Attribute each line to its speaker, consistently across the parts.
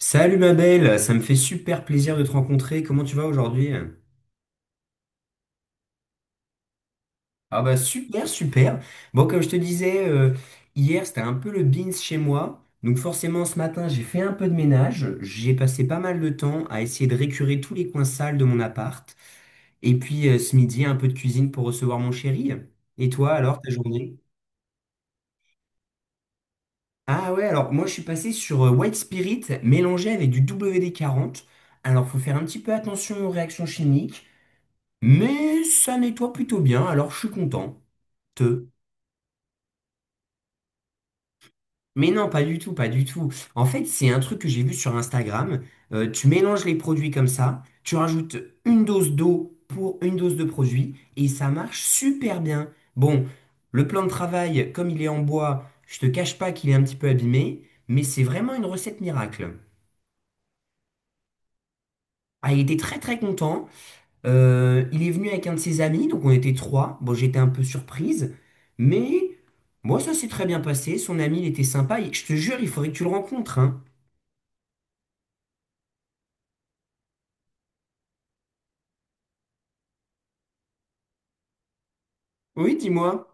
Speaker 1: Salut ma belle, ça me fait super plaisir de te rencontrer. Comment tu vas aujourd'hui? Ah bah super, super. Bon, comme je te disais, hier c'était un peu le beans chez moi. Donc forcément ce matin j'ai fait un peu de ménage. J'ai passé pas mal de temps à essayer de récurer tous les coins sales de mon appart. Et puis ce midi un peu de cuisine pour recevoir mon chéri. Et toi alors, ta journée? Ah ouais, alors moi je suis passé sur White Spirit mélangé avec du WD-40. Alors faut faire un petit peu attention aux réactions chimiques. Mais ça nettoie plutôt bien, alors je suis content. Te. Mais non, pas du tout, pas du tout. En fait, c'est un truc que j'ai vu sur Instagram. Tu mélanges les produits comme ça, tu rajoutes une dose d'eau pour une dose de produit et ça marche super bien. Bon, le plan de travail, comme il est en bois, je te cache pas qu'il est un petit peu abîmé, mais c'est vraiment une recette miracle. Ah, il était très très content. Il est venu avec un de ses amis, donc on était trois. Bon, j'étais un peu surprise, mais moi, ça s'est très bien passé. Son ami, il était sympa. Et je te jure, il faudrait que tu le rencontres, hein. Oui, dis-moi,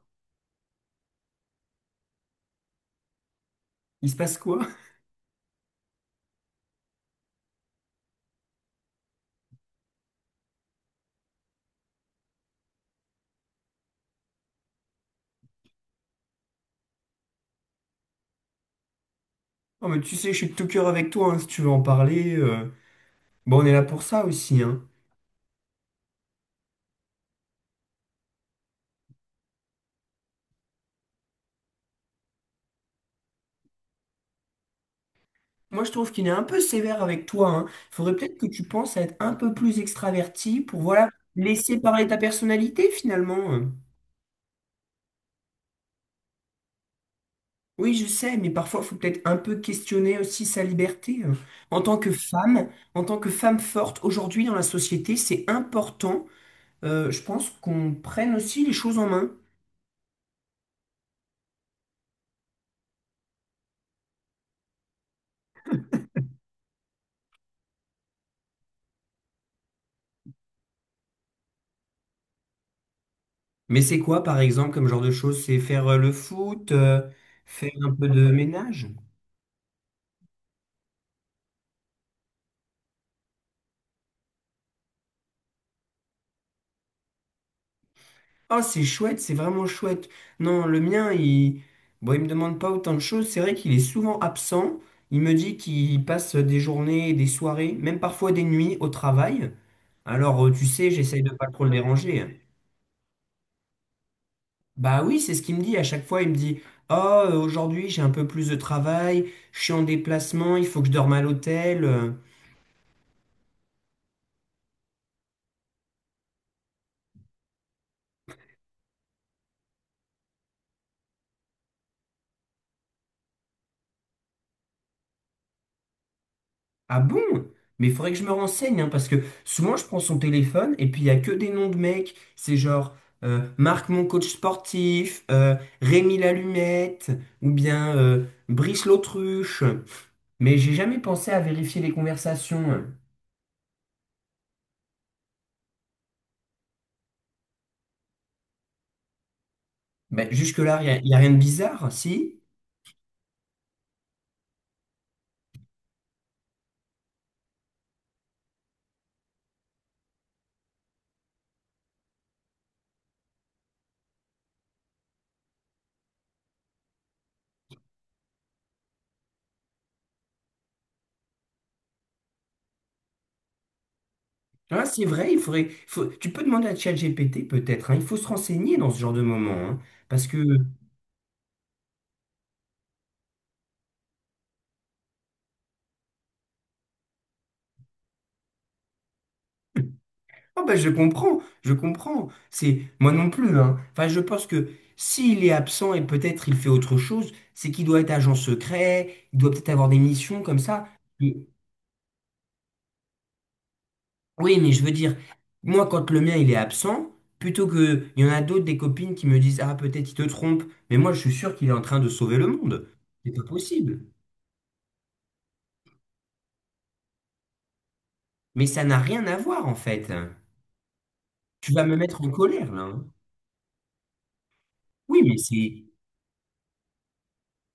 Speaker 1: il se passe quoi? Oh, mais tu sais, je suis de tout cœur avec toi, hein, si tu veux en parler. Bon, on est là pour ça aussi, hein. Moi, je trouve qu'il est un peu sévère avec toi, hein. Il faudrait peut-être que tu penses à être un peu plus extraverti pour, voilà, laisser parler ta personnalité, finalement. Hein. Oui, je sais, mais parfois, il faut peut-être un peu questionner aussi sa liberté. En tant que femme, en tant que femme forte, aujourd'hui dans la société, c'est important, je pense, qu'on prenne aussi les choses en main. Mais c'est quoi, par exemple, comme genre de choses? C'est faire le foot, faire un peu de ménage? Ah, c'est chouette, c'est vraiment chouette. Non, le mien, il... Bon, il me demande pas autant de choses. C'est vrai qu'il est souvent absent. Il me dit qu'il passe des journées, des soirées, même parfois des nuits au travail. Alors, tu sais, j'essaye de pas trop le déranger. Hein. Bah oui, c'est ce qu'il me dit. À chaque fois, il me dit, Oh, aujourd'hui, j'ai un peu plus de travail, je suis en déplacement, il faut que je dorme à l'hôtel. Ah bon? Mais il faudrait que je me renseigne, hein, parce que souvent je prends son téléphone et puis il n'y a que des noms de mecs. C'est genre Marc mon coach sportif, Rémi l'allumette, ou bien Brice l'autruche. Mais j'ai jamais pensé à vérifier les conversations. Ben, jusque-là, y a rien de bizarre, si? Ah, c'est vrai, tu peux demander à ChatGPT peut-être, hein, il faut se renseigner dans ce genre de moment, parce que Ah bah je comprends, je comprends. C'est moi non plus, hein. Enfin, je pense que s'il est absent et peut-être il fait autre chose, c'est qu'il doit être agent secret, il doit peut-être avoir des missions comme ça. Et- Oui, mais je veux dire, moi quand le mien il est absent, plutôt que il y en a d'autres des copines qui me disent ah peut-être il te trompe, mais moi je suis sûr qu'il est en train de sauver le monde. C'est pas possible. Mais ça n'a rien à voir en fait. Tu vas me mettre en colère là. Hein. Oui, mais c'est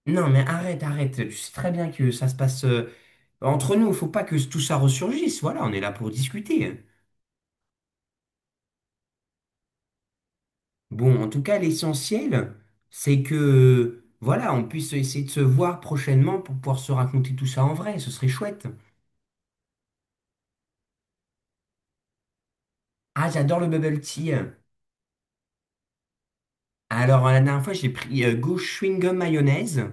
Speaker 1: Non, mais arrête. Tu sais très bien que ça se passe. Entre nous, il faut pas que tout ça ressurgisse. Voilà, on est là pour discuter. Bon, en tout cas, l'essentiel, c'est que, voilà, on puisse essayer de se voir prochainement pour pouvoir se raconter tout ça en vrai. Ce serait chouette. Ah, j'adore le bubble tea. Alors, la dernière fois, j'ai pris goût chewing-gum mayonnaise,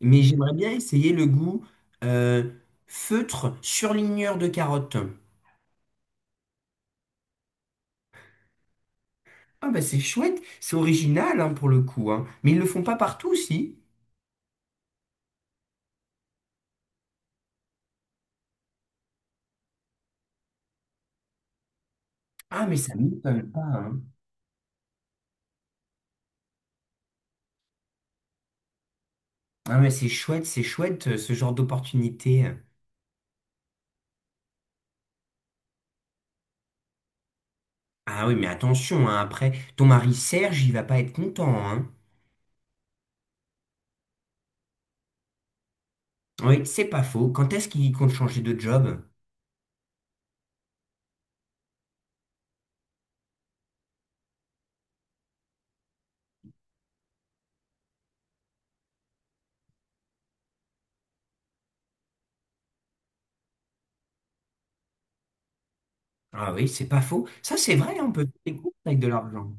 Speaker 1: mais j'aimerais bien essayer le goût euh, feutre surligneur de carotte. Ah, bah, c'est chouette. C'est original, hein, pour le coup, hein. Mais ils le font pas partout, si. Ah, mais ça m'étonne pas, hein. Ah mais c'est chouette ce genre d'opportunité. Ah oui, mais attention, hein, après, ton mari Serge, il va pas être content, hein. Oui, c'est pas faux. Quand est-ce qu'il compte changer de job? Ah oui, c'est pas faux. Ça, c'est vrai, hein, on peut faire des courses avec de l'argent.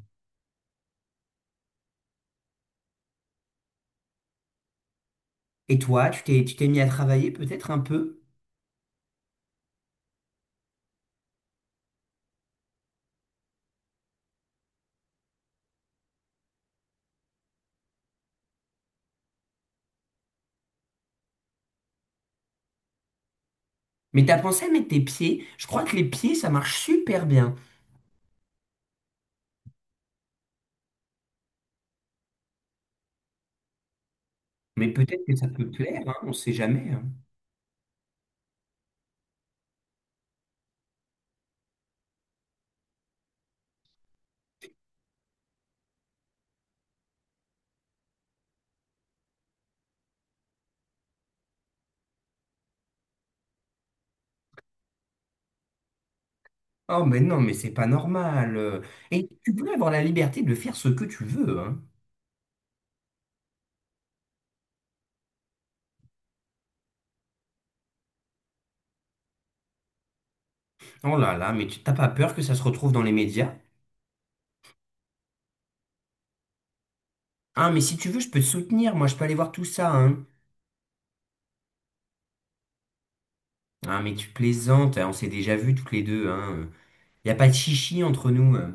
Speaker 1: Et toi, tu t'es mis à travailler peut-être un peu? Mais t'as pensé à mettre tes pieds? Je crois que les pieds, ça marche super bien. Mais peut-être que ça peut te plaire, hein, on sait jamais. Hein. Oh mais non, mais c'est pas normal. Et tu peux avoir la liberté de faire ce que tu veux, hein. Oh là là, mais tu t'as pas peur que ça se retrouve dans les médias? Ah, mais si tu veux, je peux te soutenir, moi je peux aller voir tout ça, hein. Ah, mais tu plaisantes, hein. On s'est déjà vus toutes les deux, hein. Y a pas de chichi entre nous. Hein.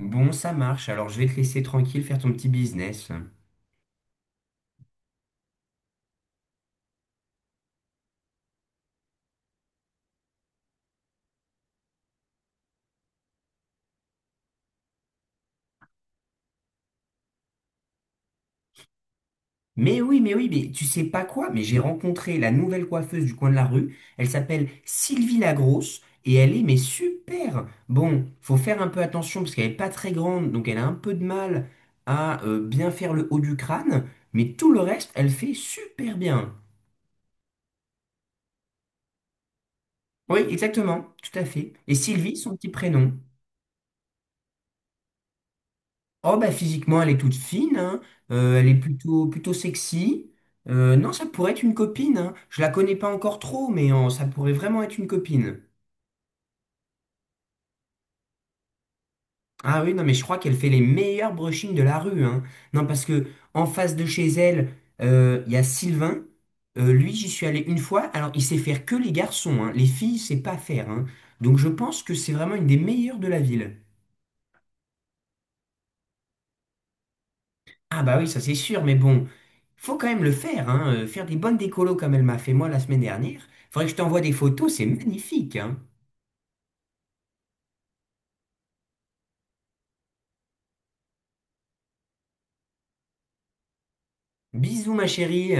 Speaker 1: Bon, ça marche, alors je vais te laisser tranquille faire ton petit business. Mais oui, mais oui, mais tu sais pas quoi, mais j'ai rencontré la nouvelle coiffeuse du coin de la rue. Elle s'appelle Sylvie Lagrosse et elle est mais super. Bon, faut faire un peu attention parce qu'elle est pas très grande, donc elle a un peu de mal à bien faire le haut du crâne, mais tout le reste, elle fait super bien. Oui, exactement, tout à fait. Et Sylvie, son petit prénom. Oh bah physiquement, elle est toute fine, hein, elle est plutôt sexy. Non, ça pourrait être une copine. Hein. Je la connais pas encore trop, mais ça pourrait vraiment être une copine. Ah oui, non, mais je crois qu'elle fait les meilleurs brushings de la rue, hein. Non, parce que en face de chez elle, il y a Sylvain. Lui, j'y suis allé une fois. Alors, il sait faire que les garçons, hein. Les filles, c'est pas faire, hein. Donc, je pense que c'est vraiment une des meilleures de la ville. Ah bah oui, ça c'est sûr, mais bon, faut quand même le faire, hein. Faire des bonnes décolos comme elle m'a fait moi la semaine dernière. Faudrait que je t'envoie des photos, c'est magnifique, hein. Bisous, ma chérie.